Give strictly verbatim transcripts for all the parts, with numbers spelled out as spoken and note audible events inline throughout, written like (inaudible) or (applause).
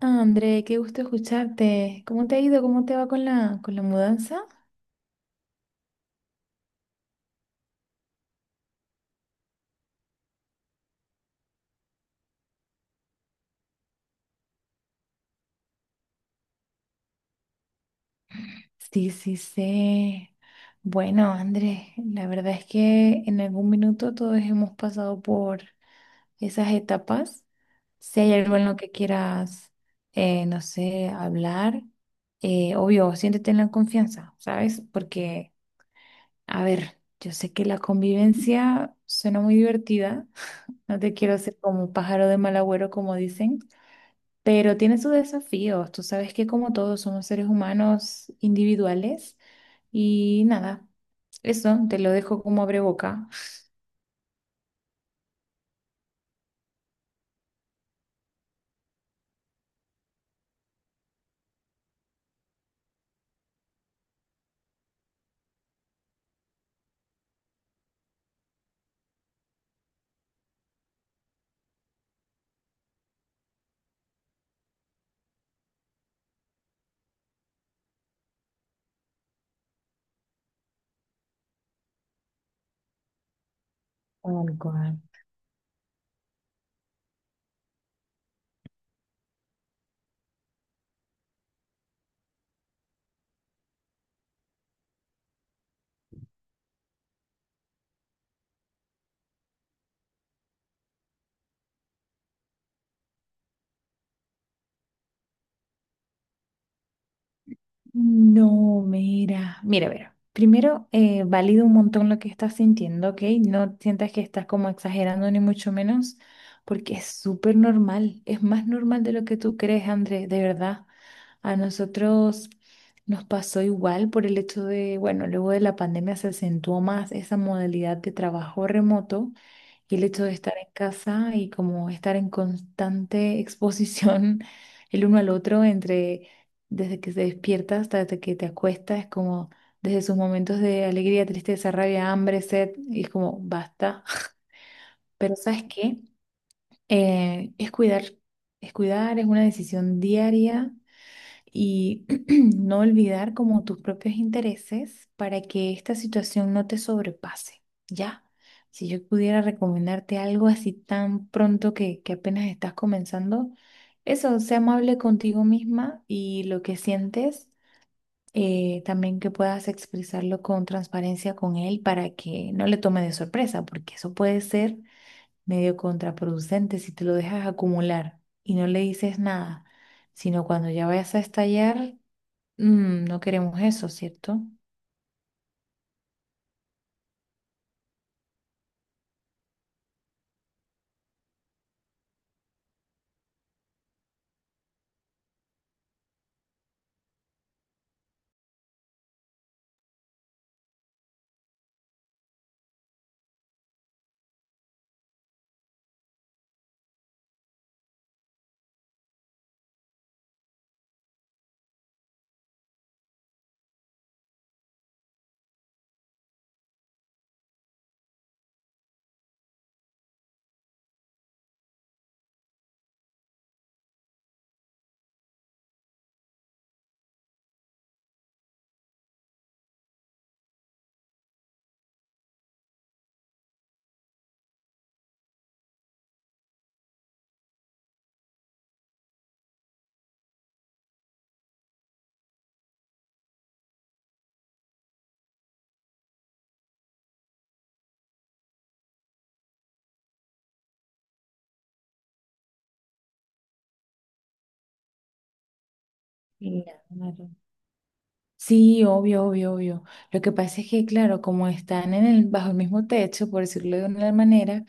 Ah, André, qué gusto escucharte. ¿Cómo te ha ido? ¿Cómo te va con la, con la mudanza? Sí, sí, sí. Bueno, André, la verdad es que en algún minuto todos hemos pasado por esas etapas. Si hay algo en lo que quieras, eh, no sé, hablar, eh, obvio, siéntete en la confianza, ¿sabes? Porque, a ver, yo sé que la convivencia suena muy divertida. (laughs) No te quiero hacer como un pájaro de mal agüero, como dicen. Pero tiene sus desafíos. Tú sabes que como todos somos seres humanos individuales y nada, eso te lo dejo como abre boca. Tal cual. No, mira, mira, mira. Primero, eh, valido un montón lo que estás sintiendo, ¿ok? No sientas que estás como exagerando ni mucho menos, porque es súper normal, es más normal de lo que tú crees, Andrés, de verdad. A nosotros nos pasó igual por el hecho de, bueno, luego de la pandemia se acentuó más esa modalidad de trabajo remoto. Y el hecho de estar en casa y como estar en constante exposición (laughs) el uno al otro entre desde que se despierta hasta desde que te acuestas, es como desde sus momentos de alegría, tristeza, rabia, hambre, sed, y es como basta. Pero ¿sabes qué? Eh, es cuidar, es cuidar, es una decisión diaria y (clears throat) no olvidar como tus propios intereses para que esta situación no te sobrepase, ¿ya? Si yo pudiera recomendarte algo así tan pronto que, que apenas estás comenzando, eso, sea amable contigo misma y lo que sientes, eh, también que puedas expresarlo con transparencia con él para que no le tome de sorpresa, porque eso puede ser medio contraproducente si te lo dejas acumular y no le dices nada, sino cuando ya vayas a estallar. Mm, no queremos eso, ¿cierto? Claro. Sí, obvio, obvio, obvio. Lo que pasa es que, claro, como están en el, bajo el mismo techo, por decirlo de una manera,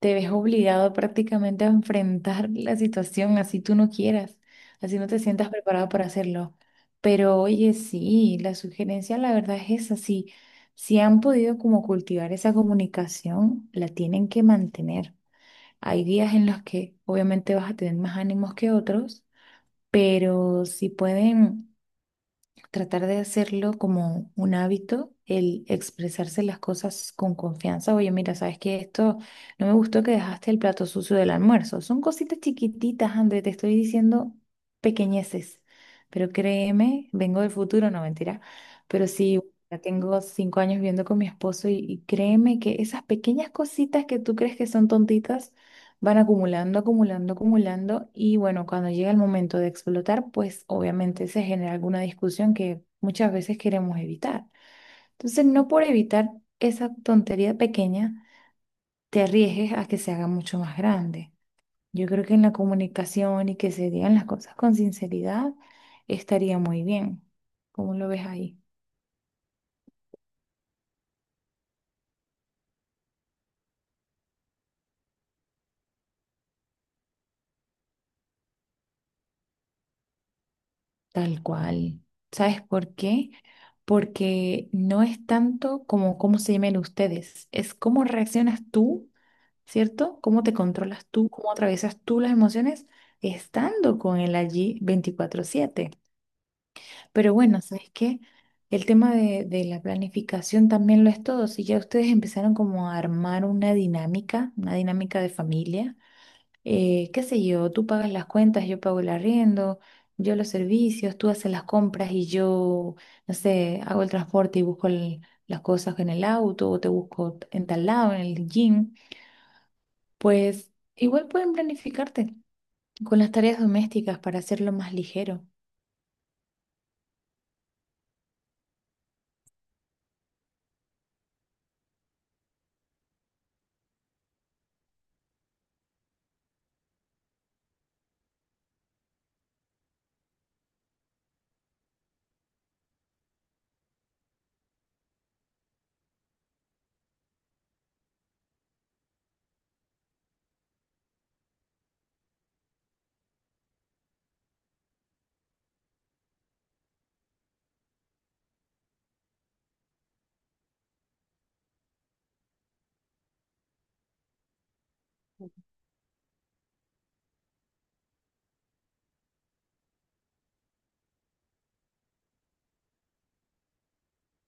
te ves obligado prácticamente a enfrentar la situación así tú no quieras, así no te sientas preparado para hacerlo. Pero oye, sí, la sugerencia la verdad es esa, sí, si han podido como cultivar esa comunicación, la tienen que mantener. Hay días en los que obviamente vas a tener más ánimos que otros, pero si pueden tratar de hacerlo como un hábito, el expresarse las cosas con confianza. Oye, mira, sabes que esto no me gustó, que dejaste el plato sucio del almuerzo. Son cositas chiquititas, André, te estoy diciendo pequeñeces, pero créeme, vengo del futuro, no mentira, pero sí. Ya tengo cinco años viviendo con mi esposo y, y créeme que esas pequeñas cositas que tú crees que son tontitas, van acumulando, acumulando, acumulando y bueno, cuando llega el momento de explotar, pues obviamente se genera alguna discusión que muchas veces queremos evitar. Entonces, no por evitar esa tontería pequeña, te arriesgues a que se haga mucho más grande. Yo creo que en la comunicación y que se digan las cosas con sinceridad estaría muy bien. ¿Cómo lo ves ahí? Tal cual. ¿Sabes por qué? Porque no es tanto como cómo se llamen ustedes, es cómo reaccionas tú. ¿Cierto? ¿Cómo te controlas tú? ¿Cómo atraviesas tú las emociones estando con él allí veinticuatro siete? Pero bueno, ¿sabes qué? El tema de, de la planificación también lo es todo. Si ya ustedes empezaron como a armar una dinámica, una dinámica de familia, eh, qué sé yo, tú pagas las cuentas, yo pago el arriendo, yo los servicios, tú haces las compras y yo, no sé, hago el transporte y busco el- las cosas en el auto o te busco en tal lado, en el gym. Pues igual pueden planificarte con las tareas domésticas para hacerlo más ligero.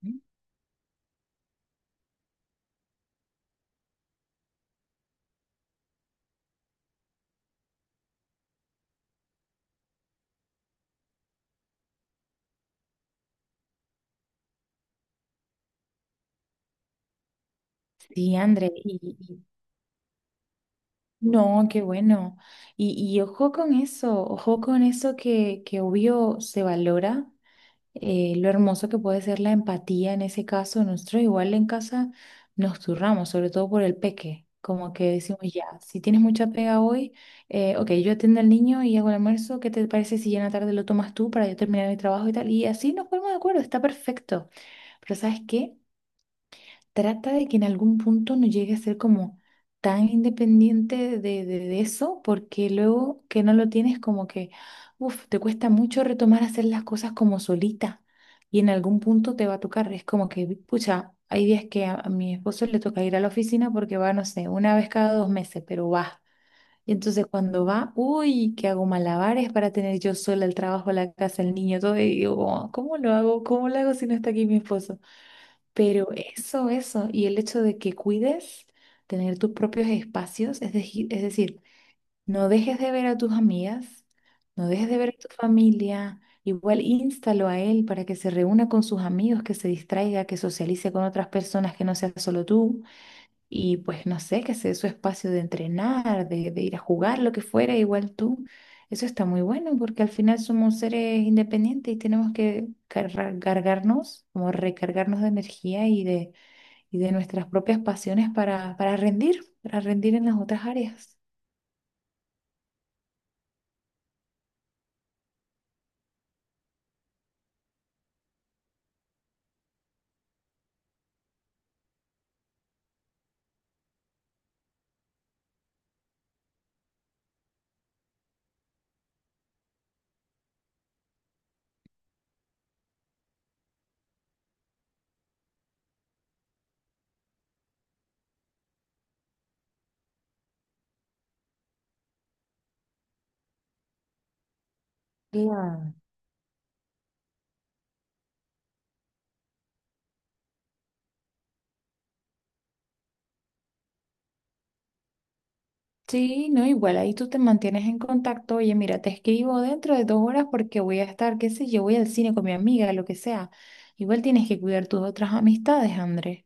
¿Mm? Sí, André, y, y- no, qué bueno. Y, y ojo con eso, ojo con eso, que, que obvio se valora eh, lo hermoso que puede ser la empatía en ese caso. Nosotros igual en casa nos turramos, sobre todo por el peque. Como que decimos, ya, si tienes mucha pega hoy, eh, ok, yo atiendo al niño y hago el almuerzo, ¿qué te parece si ya en la tarde lo tomas tú para yo terminar mi trabajo y tal? Y así nos ponemos de acuerdo, está perfecto. Pero ¿sabes qué? Trata de que en algún punto no llegue a ser como tan independiente de, de- de eso, porque luego que no lo tienes como que, uff, te cuesta mucho retomar hacer las cosas como solita y en algún punto te va a tocar. Es como que, pucha, hay días que a, a mi esposo le toca ir a la oficina porque va, no sé, una vez cada dos meses, pero va. Y entonces cuando va, uy, que hago malabares para tener yo sola el trabajo, la casa, el niño, todo, y digo, "Oh, ¿cómo lo hago? ¿Cómo lo hago si no está aquí mi esposo?" Pero eso, eso, y el hecho de que cuides tener tus propios espacios, es, deji- es decir, no dejes de ver a tus amigas, no dejes de ver a tu familia, igual instalo a él para que se reúna con sus amigos, que se distraiga, que socialice con otras personas que no sea solo tú, y pues no sé, que se dé su espacio de entrenar, de, de ir a jugar, lo que fuera, igual tú. Eso está muy bueno porque al final somos seres independientes y tenemos que cargar- cargarnos, como recargarnos de energía y de y de nuestras propias pasiones para, para rendir, para rendir en las otras áreas. Claro. Sí, no, igual ahí tú te mantienes en contacto. Oye, mira, te escribo dentro de dos horas porque voy a estar, qué sé yo, voy al cine con mi amiga, lo que sea. Igual tienes que cuidar tus otras amistades, André.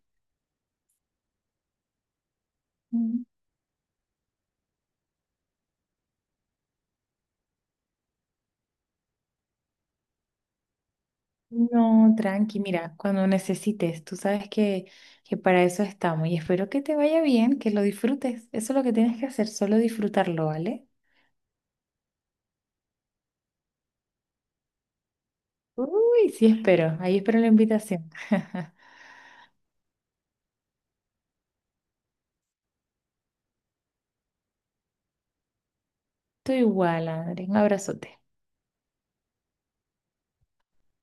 Mm. No, tranqui, mira, cuando necesites, tú sabes que, que para eso estamos y espero que te vaya bien, que lo disfrutes. Eso es lo que tienes que hacer, solo disfrutarlo, ¿vale? Uy, sí, espero, ahí espero la invitación. (laughs) Estoy igual, Adri. Un abrazote.